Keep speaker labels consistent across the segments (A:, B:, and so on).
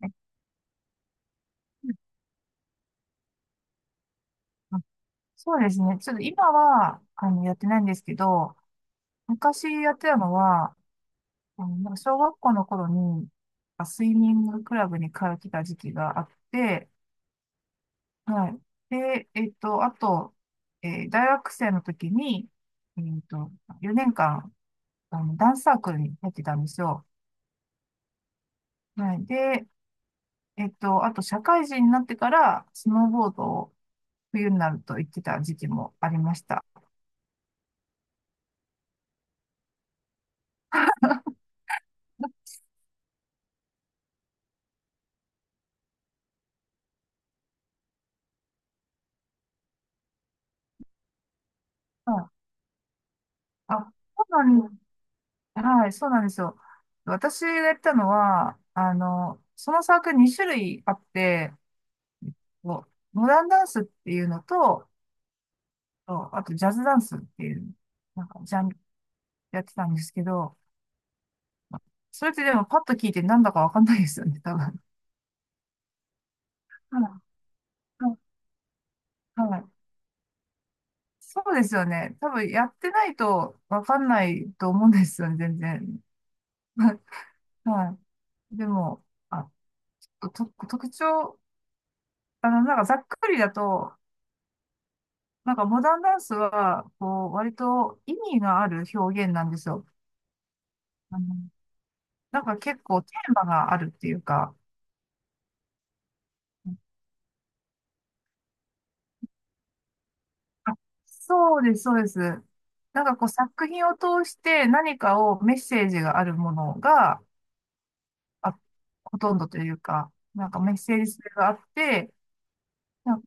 A: あそうですね。ちょっと今は、やってないんですけど、昔やってたのは、なんか小学校の頃に、スイミングクラブに通ってた時期があって、はい。で、あと、大学生の時に、えっと、4年間、ダンスサークルに入ってたんですよ。はい。で、あと、社会人になってから、スノーボードを冬になると行ってた時期もありました。はい。あ、そうなんです。はい、そうなんですよ。私がやったのは、そのサークル2種類あって、こうモダンダンスっていうのと、とあとジャズダンスっていう、なんかジャンルやってたんですけど、それってでもパッと聞いてなんだかわかんないですよね、多分。はいはいはい。そうですよね。多分やってないとわかんないと思うんですよね、全然。はい。でも、あ、と、特徴、なんかざっくりだと、なんかモダンダンスは、こう、割と意味がある表現なんですよ。あの、なんか結構テーマがあるっていうか、あ、そうです、そうです。なんかこう作品を通して何かをメッセージがあるものが、あ、ほとんどというか、なんかメッセージ性があって、なん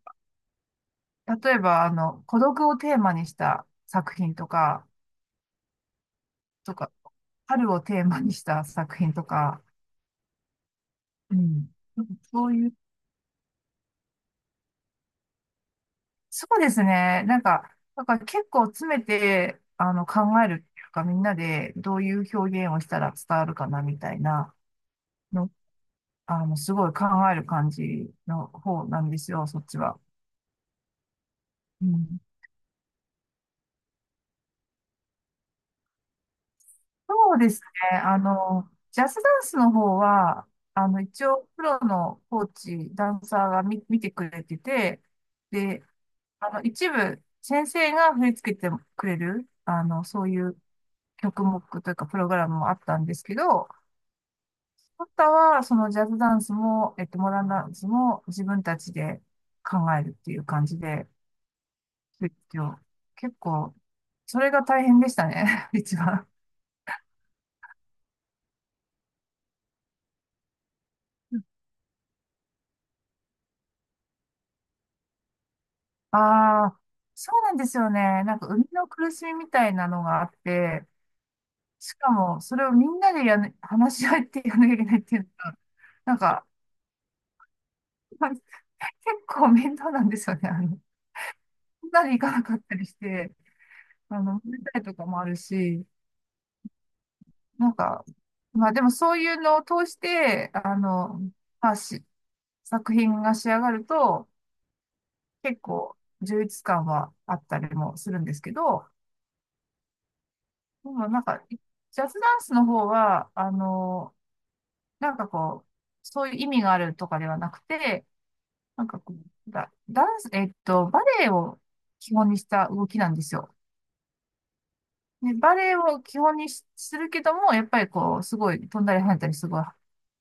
A: か例えば孤独をテーマにした作品とか、とか、春をテーマにした作品とか、うん。そういうそうですね。なんか結構詰めて、考えるっていうか、みんなでどういう表現をしたら伝わるかな、みたいなの、すごい考える感じの方なんですよ、そっちは。うん、そうですね。ジャズダンスの方は、一応、プロのコーチ、ダンサーが見てくれてて、で、一部、先生が振り付けてくれる、そういう曲目というか、プログラムもあったんですけど、あとは、そのジャズダンスも、モダンダンスも自分たちで考えるっていう感じで、勉強結構それが大変でしたね、一番。ああ、そうなんですよね。なんか、生みの苦しみみたいなのがあって、しかも、それをみんなでね、話し合ってやらなきゃいけないっていうのが、なんか、まあ結構面倒なんですよね。みんなで行かなかったりして、寝たりとかもあるし、なんか、まあでもそういうのを通して、まあし、作品が仕上がると、結構充実感はあったりもするんですけど、でもなんか、ジャズダンスの方は、なんかこう、そういう意味があるとかではなくて、なんかこう、ダンス、バレエを基本にした動きなんですよ。ね、バレエを基本にしするけども、やっぱりこう、すごい飛んだり跳ねたり、すごい、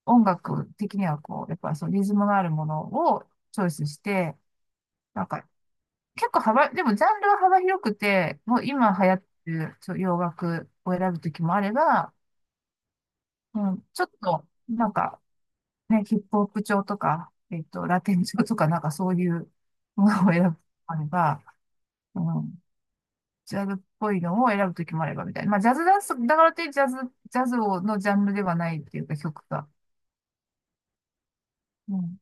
A: 音楽的にはこう、やっぱりそのリズムのあるものをチョイスして、なんか、結構幅、でもジャンルは幅広くて、もう今流行ってる洋楽を選ぶときもあれば、うん、ちょっと、なんか、ね、ヒップホップ調とか、ラテン調とか、なんかそういうものを選ぶときもあれば、うん、ジャズっぽいのを選ぶときもあればみたいな。まあ、ジャズダンス、だからといってジャズをのジャンルではないっていうか曲が。うん。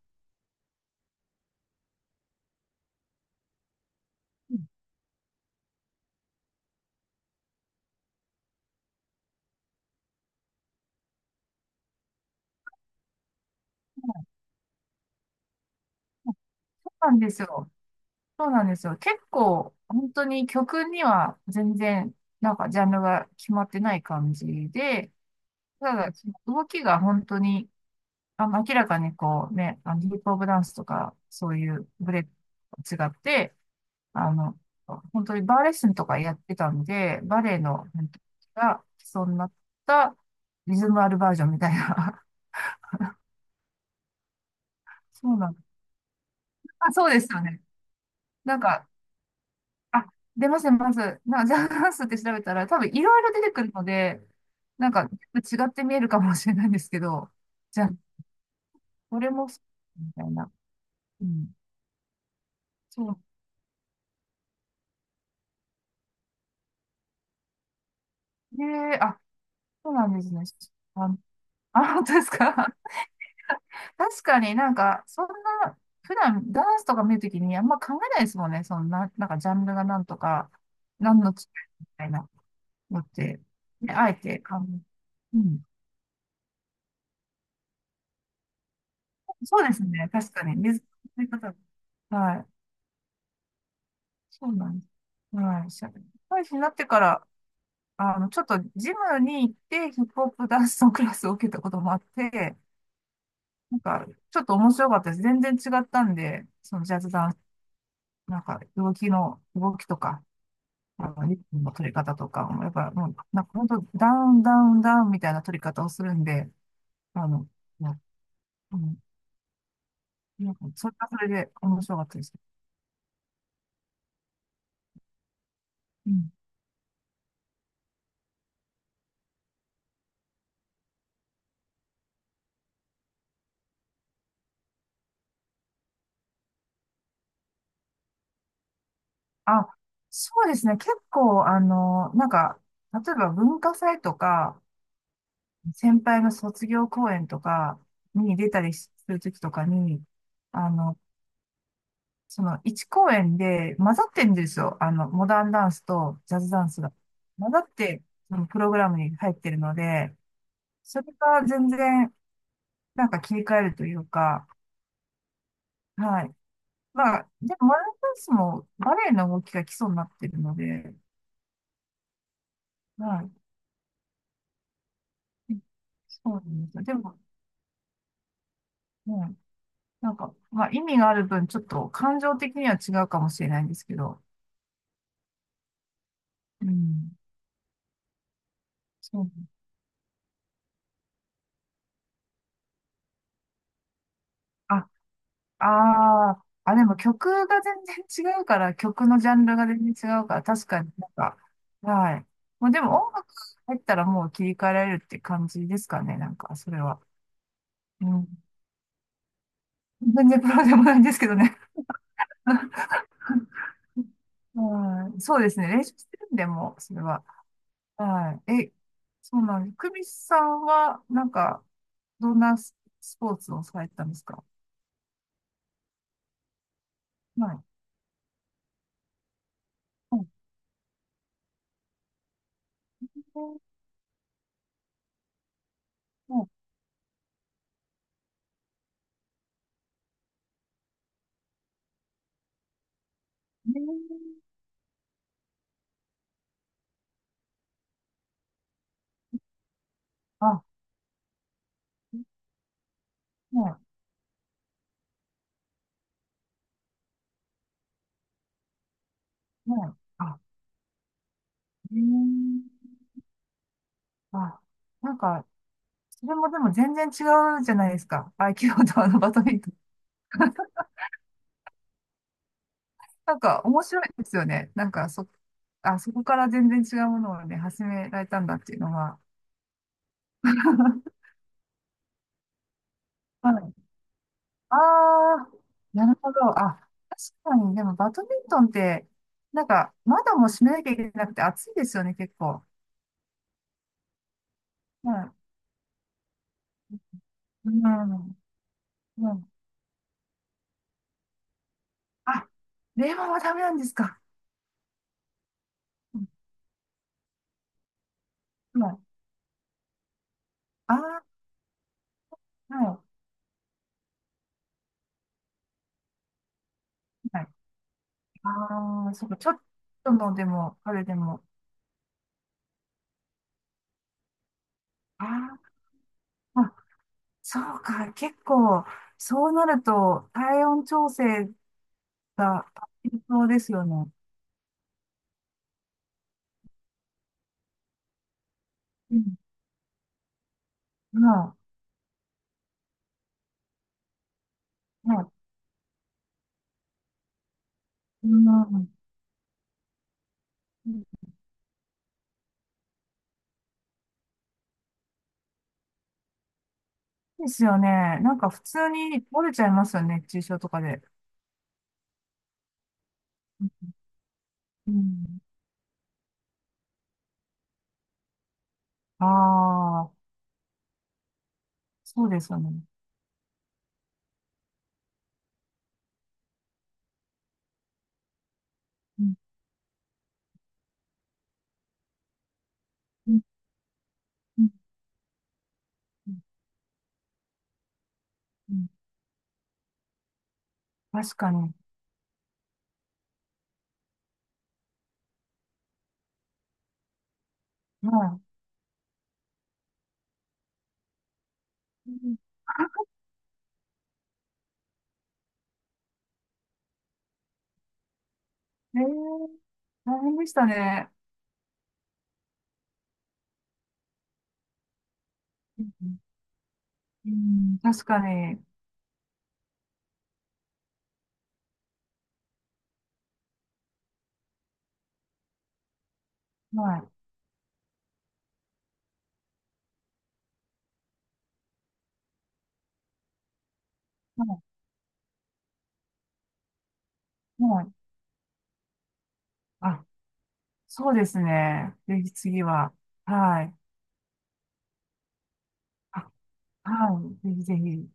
A: そうなんですよ。そうなんですよ。結構、本当に曲には全然、なんかジャンルが決まってない感じで、ただ、その動きが本当に、明らかにこうね、ヒップホップダンスとか、そういうブレと違って、あの、本当にバーレッスンとかやってたんで、バレエの、本当が基礎になったリズムあるバージョンみたいな。そうなんだ。あ、そうですよね。なんか、あ、出ます出ますな、ジャズダンスって調べたら、多分いろいろ出てくるので、なんか、違って見えるかもしれないんですけど、じゃあ、これもそう、みたいな。うん。そう。ねえ、あ、そうなんですね。あ、あ、本当ですか？確かになんか、そんな、普段ダンスとか見るときにあんま考えないですもんね。そんな、なんかジャンルがなんとか、何の違いみたいなのって、ね、あえてうん。そうですね。確かに。水の方。はい。そうなんです。はい。社会人になってから、ちょっとジムに行ってヒップホップダンスのクラスを受けたこともあって、なんか、ちょっと面白かったです。全然違ったんで、そのジャズダンス、なんか、動きとか、まあの、リップの取り方とかも、やっぱ、もう、なんか本当、ダウン、ダウン、ダウンみたいな取り方をするんで、あの、まあうん、なんか、それはそれで面白かったです。うん。あ、そうですね。結構、なんか、例えば文化祭とか、先輩の卒業公演とかに出たりするときとかに、あの、その1公演で混ざってるんですよ。モダンダンスとジャズダンスが。混ざって、そのプログラムに入ってるので、それが全然、なんか切り替えるというか、はい。まあ、でも、ワンダンスもバレエの動きが基礎になってるので、はい。そうなんですよ。でも、うん、なんか、まあ、意味がある分、ちょっと感情的には違うかもしれないんですけど、うん。そう。あ、あーあ、でも曲が全然違うから、曲のジャンルが全然違うから、確かになんか、はい。もうでも音楽入ったらもう切り替えられるって感じですかね、なんか、それは。うん、全然プロでもないんですけどね。はい。そうですね。練習してるんで、もう、それは。はい。そうなんです。久美さんは、なんか、どんなスポーツをされてたんですか？はい。はい。はい。あ、はい。はい。あ、えー、あ、なんか、それもでも全然違うじゃないですか。合気道とあのバドミントン。なんか、面白いですよね。なんか、あ、そこから全然違うものをね、始められたんだっていうのは。はい。ああ、なるほど。あ、確かに、でもバドミントンって、なんか、窓も閉めなきゃいけなくて暑いですよね、結構。うん。うん。うん。あ、冷房はダメなんですか？うん。うんああはい。はい。ああ、そうか、ちょっとのでも、あれでも。あーあ、そうか、結構、そうなると、体温調整が必要ですよね。うん。まあ、まあ、うん。ですよね。なんか普通に折れちゃいますよね。熱中症とかで。うん。ああ、そうですよね。うん。うん。うん。うん確かに。はい。うんえー、大変でしたね。うんうん確かに。はい。はい。はいあ、そうですね。ぜひ次は。はい。あ、はい。ぜひぜひ。